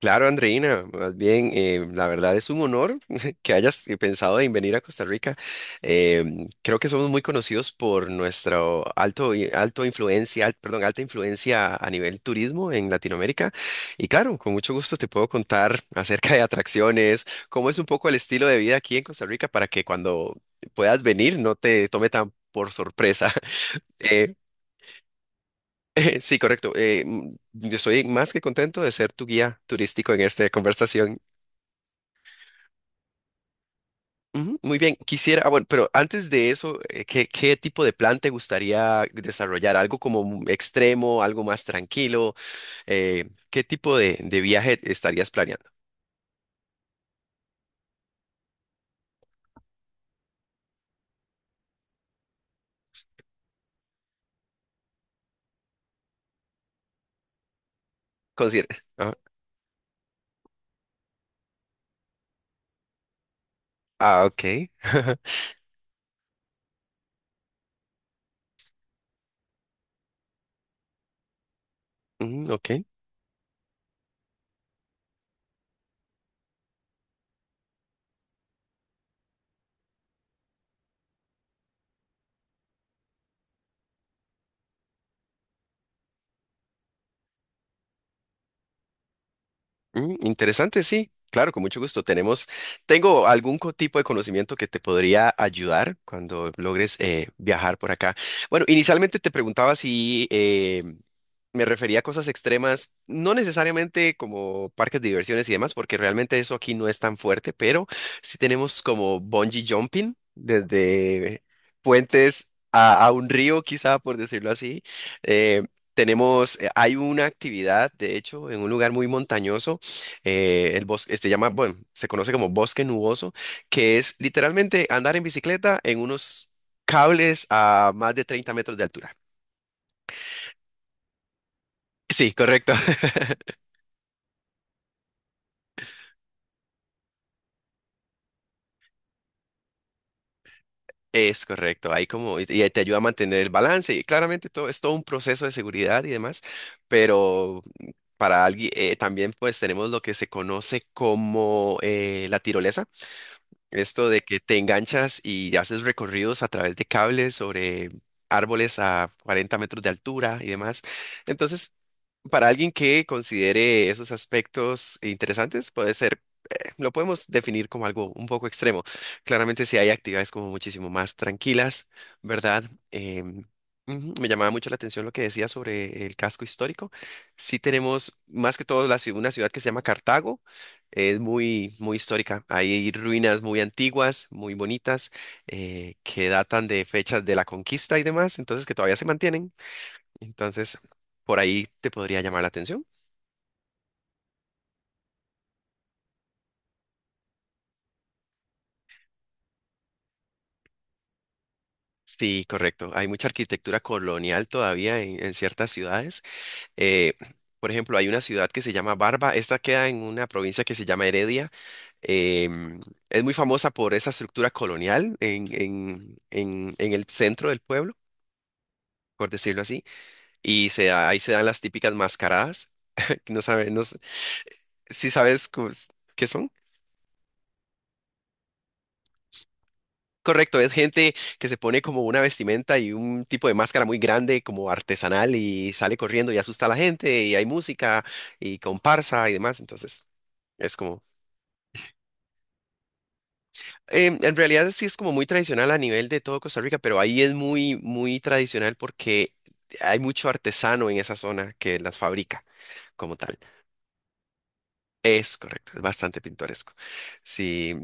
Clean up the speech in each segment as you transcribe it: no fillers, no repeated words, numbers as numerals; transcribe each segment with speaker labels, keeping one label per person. Speaker 1: Claro, Andreina, más bien, la verdad es un honor que hayas pensado en venir a Costa Rica. Creo que somos muy conocidos por nuestra alto, i- alto influencia, perdón, alta influencia a nivel turismo en Latinoamérica. Y claro, con mucho gusto te puedo contar acerca de atracciones, cómo es un poco el estilo de vida aquí en Costa Rica para que cuando puedas venir no te tome tan por sorpresa. Eh, sí, correcto. Yo estoy más que contento de ser tu guía turístico en esta conversación. Ujú. Muy bien, quisiera, bueno, pero antes de eso, qué tipo de plan te gustaría desarrollar? ¿Algo como un extremo, algo más tranquilo? ¿Qué tipo de viaje estarías planeando? Ah, ah, ok. Mm, ok. Mm, interesante, sí. Claro, con mucho gusto. Tengo tipo de conocimiento que te podría ayudar cuando logres viajar por acá. Bueno, inicialmente te preguntaba si me refería a cosas extremas, no necesariamente como parques de diversiones y demás, porque realmente eso aquí no es tan fuerte, pero sí tenemos como bungee jumping desde puentes a un río, quizá por decirlo así. Eh, hay una actividad, de hecho, en un lugar muy montañoso, el bosque, se llama, bueno, se conoce como bosque nuboso, que es literalmente andar en bicicleta en unos cables a más de 30 metros de altura. Sí, correcto. Es correcto. Ahí como, y te ayuda a mantener el balance. Y claramente todo es todo un proceso de seguridad y demás, pero para alguien, también pues tenemos lo que se conoce como la tirolesa. Esto de que te enganchas y haces recorridos a través de cables sobre árboles a 40 metros de altura y demás. Entonces, para alguien que considere esos aspectos interesantes, puede ser lo podemos definir como algo un poco extremo. Claramente si hay actividades como muchísimo más tranquilas, ¿verdad? Em, ujú, me llamaba mucho la atención lo que decía sobre el casco histórico. Sí tenemos más que todo una ciudad que se llama Cartago. Es muy, muy histórica. Hay ruinas muy antiguas, muy bonitas, que datan de fechas de la conquista y demás, entonces que todavía se mantienen. Entonces, por ahí te podría llamar la atención. Sí, correcto. Hay mucha arquitectura colonial todavía en ciertas ciudades. Eh, por ejemplo, hay una ciudad que se llama Barba. Esta queda en una provincia que se llama Heredia. Em, es muy famosa por esa estructura colonial en el centro del pueblo, por decirlo así. Y ahí se dan las típicas mascaradas. No sabes, si sabes qué son. Correcto, es gente que se pone como una vestimenta y un tipo de máscara muy grande, como artesanal, y sale corriendo y asusta a la gente, y hay música y comparsa y demás. Entonces, es como, en realidad sí es como muy tradicional a nivel de todo Costa Rica, pero ahí es muy, muy tradicional porque hay mucho artesano en esa zona que las fabrica como tal. Es correcto, es bastante pintoresco. Sí,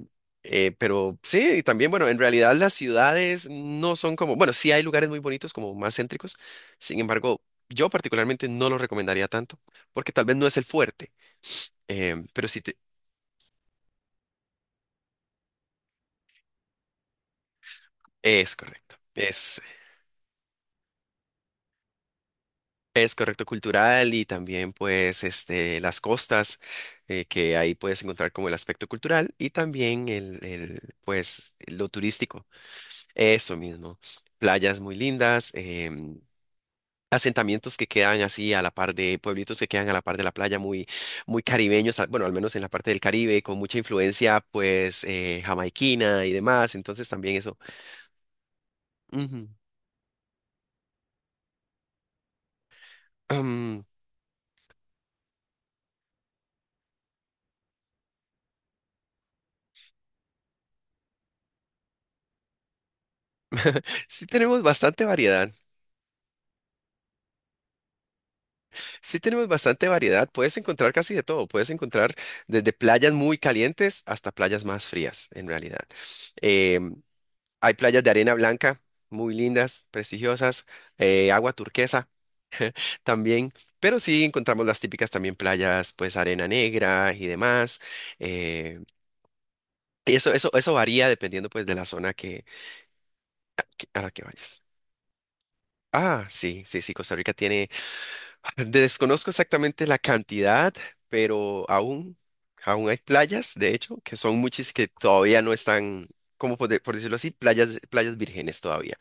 Speaker 1: pero sí, y también, bueno, en realidad las ciudades no son como, bueno, sí hay lugares muy bonitos, como más céntricos, sin embargo, yo particularmente no lo recomendaría tanto, porque tal vez no es el fuerte, pero es correcto. Es correcto cultural y también pues este, las costas, que ahí puedes encontrar como el aspecto cultural y también pues lo turístico, eso mismo playas muy lindas. Asentamientos que quedan así a la par de pueblitos que quedan a la par de la playa, muy, muy caribeños, bueno, al menos en la parte del Caribe, con mucha influencia pues jamaiquina y demás, entonces también eso. Ujú. Am, sí tenemos bastante variedad, sí tenemos bastante variedad, puedes encontrar casi de todo, puedes encontrar desde playas muy calientes hasta playas más frías en realidad. Em, hay playas de arena blanca. Muy lindas, prestigiosas, agua turquesa, también, pero sí encontramos las típicas también playas, pues arena negra y demás. eh, eso varía dependiendo pues de la zona que- a la que vayas. Ah, sí, sí, sí, Costa Rica tiene, desconozco exactamente la cantidad, pero aún hay playas, de hecho, que son muchas que todavía no están, como por decirlo así, playas vírgenes todavía.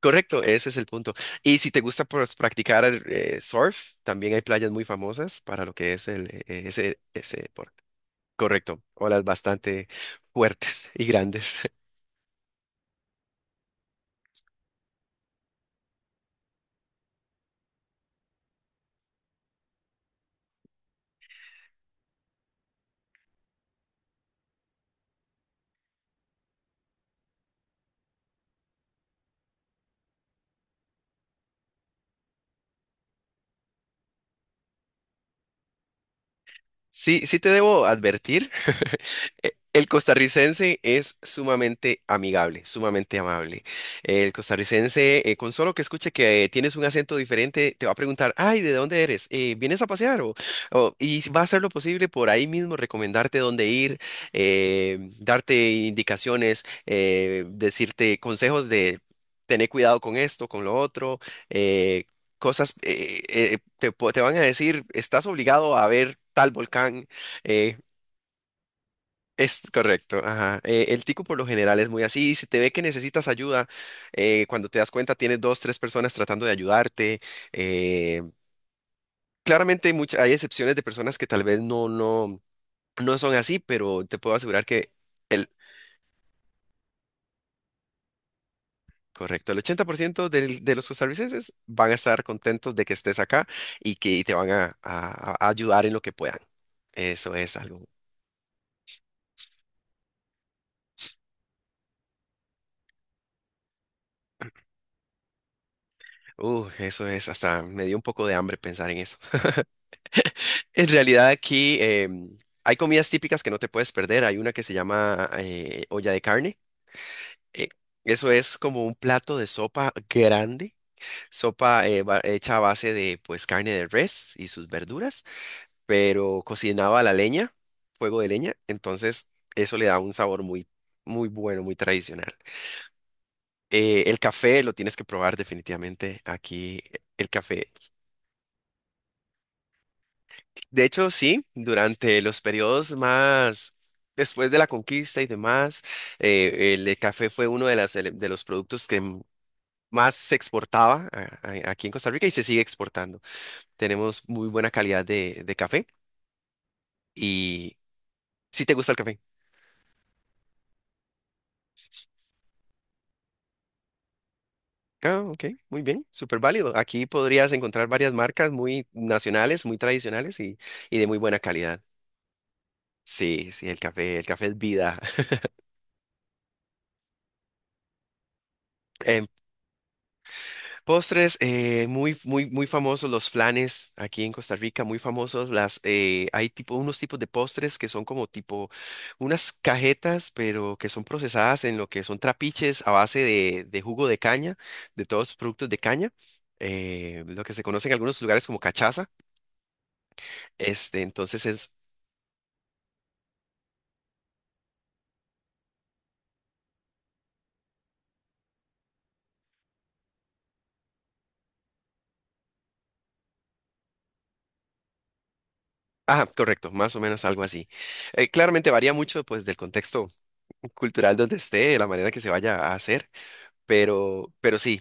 Speaker 1: Correcto, ese es el punto. Y si te gusta pues, practicar surf, también hay playas muy famosas para lo que es ese deporte. Correcto, olas bastante fuertes y grandes. Sí, sí te debo advertir, el costarricense es sumamente amigable, sumamente amable. El costarricense, con solo que escuche que tienes un acento diferente, te va a preguntar, ay, ¿de dónde eres? ¿Vienes a pasear? Y va a hacer lo posible por ahí mismo recomendarte dónde ir, darte indicaciones, decirte consejos de... Tener cuidado con esto, con lo otro, eh, te van a decir, estás obligado a ver tal volcán. eh, es correcto, ajá. El tico por lo general es muy así. Si te ve que necesitas ayuda, cuando te das cuenta tienes dos, tres personas tratando de ayudarte. eh, claramente hay excepciones de personas que tal vez no son así, pero te puedo asegurar que el... Correcto, el 80% de los costarricenses van a estar contentos de que estés acá y que te van a a- ayudar en lo que puedan. Eso es algo. Eso es, hasta me dio un poco de hambre pensar en eso. En realidad aquí hay comidas típicas que no te puedes perder. Hay una que se llama olla de carne. Eh, eso es como un plato de sopa grande, sopa hecha a base de pues carne de res y sus verduras, pero cocinaba a la leña, fuego de leña. Entonces eso le da un sabor muy, muy bueno, muy tradicional. El café lo tienes que probar definitivamente aquí. El café. De hecho, sí, durante los periodos más después de la conquista y demás, el de café fue uno de, de los productos que más se exportaba aquí en Costa Rica y se sigue exportando. Tenemos muy buena calidad de café y si te gusta el café. Ah, ok, muy bien, súper válido. Aquí podrías encontrar varias marcas muy nacionales, muy tradicionales y de muy buena calidad. Sí, sí, el café es vida. Postres, muy famosos los flanes aquí en Costa Rica, muy famosos. Hay tipo, unos tipos de postres que son como tipo unas cajetas, pero que son procesadas en lo que son trapiches a base de jugo de caña, de todos los productos de caña, lo que se conoce en algunos lugares como cachaza. Entonces es, ah, correcto, más o menos algo así. Claramente varía mucho pues del contexto cultural donde esté, de la manera que se vaya a hacer. Pero sí,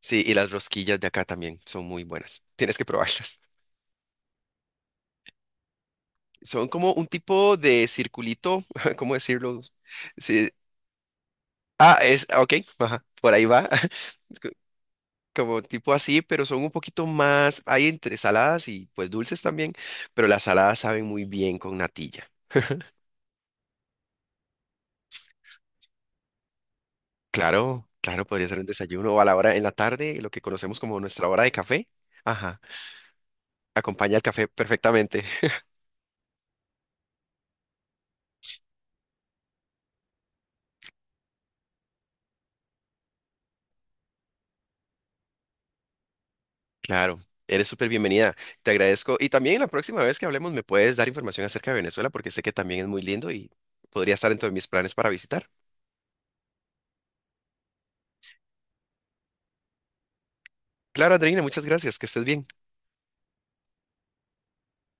Speaker 1: sí, y las rosquillas de acá también son muy buenas. Tienes que probarlas. Son como un tipo de circulito, ¿cómo decirlo? Sí. Ah, es, ah, ok, ajá, por ahí va. Es co- Como tipo así, pero son un poquito más, hay entre saladas y pues dulces también, pero las saladas saben muy bien con natilla. Claro, claro, podría ser un desayuno o a la hora en la tarde, lo que conocemos como nuestra hora de café. Ajá, acompaña el café perfectamente. Claro, eres súper bienvenida. Te agradezco. Y también la próxima vez que hablemos me puedes dar información acerca de Venezuela porque sé que también es muy lindo y podría estar dentro de mis planes para visitar. Claro, Andreina, muchas gracias. Que estés bien.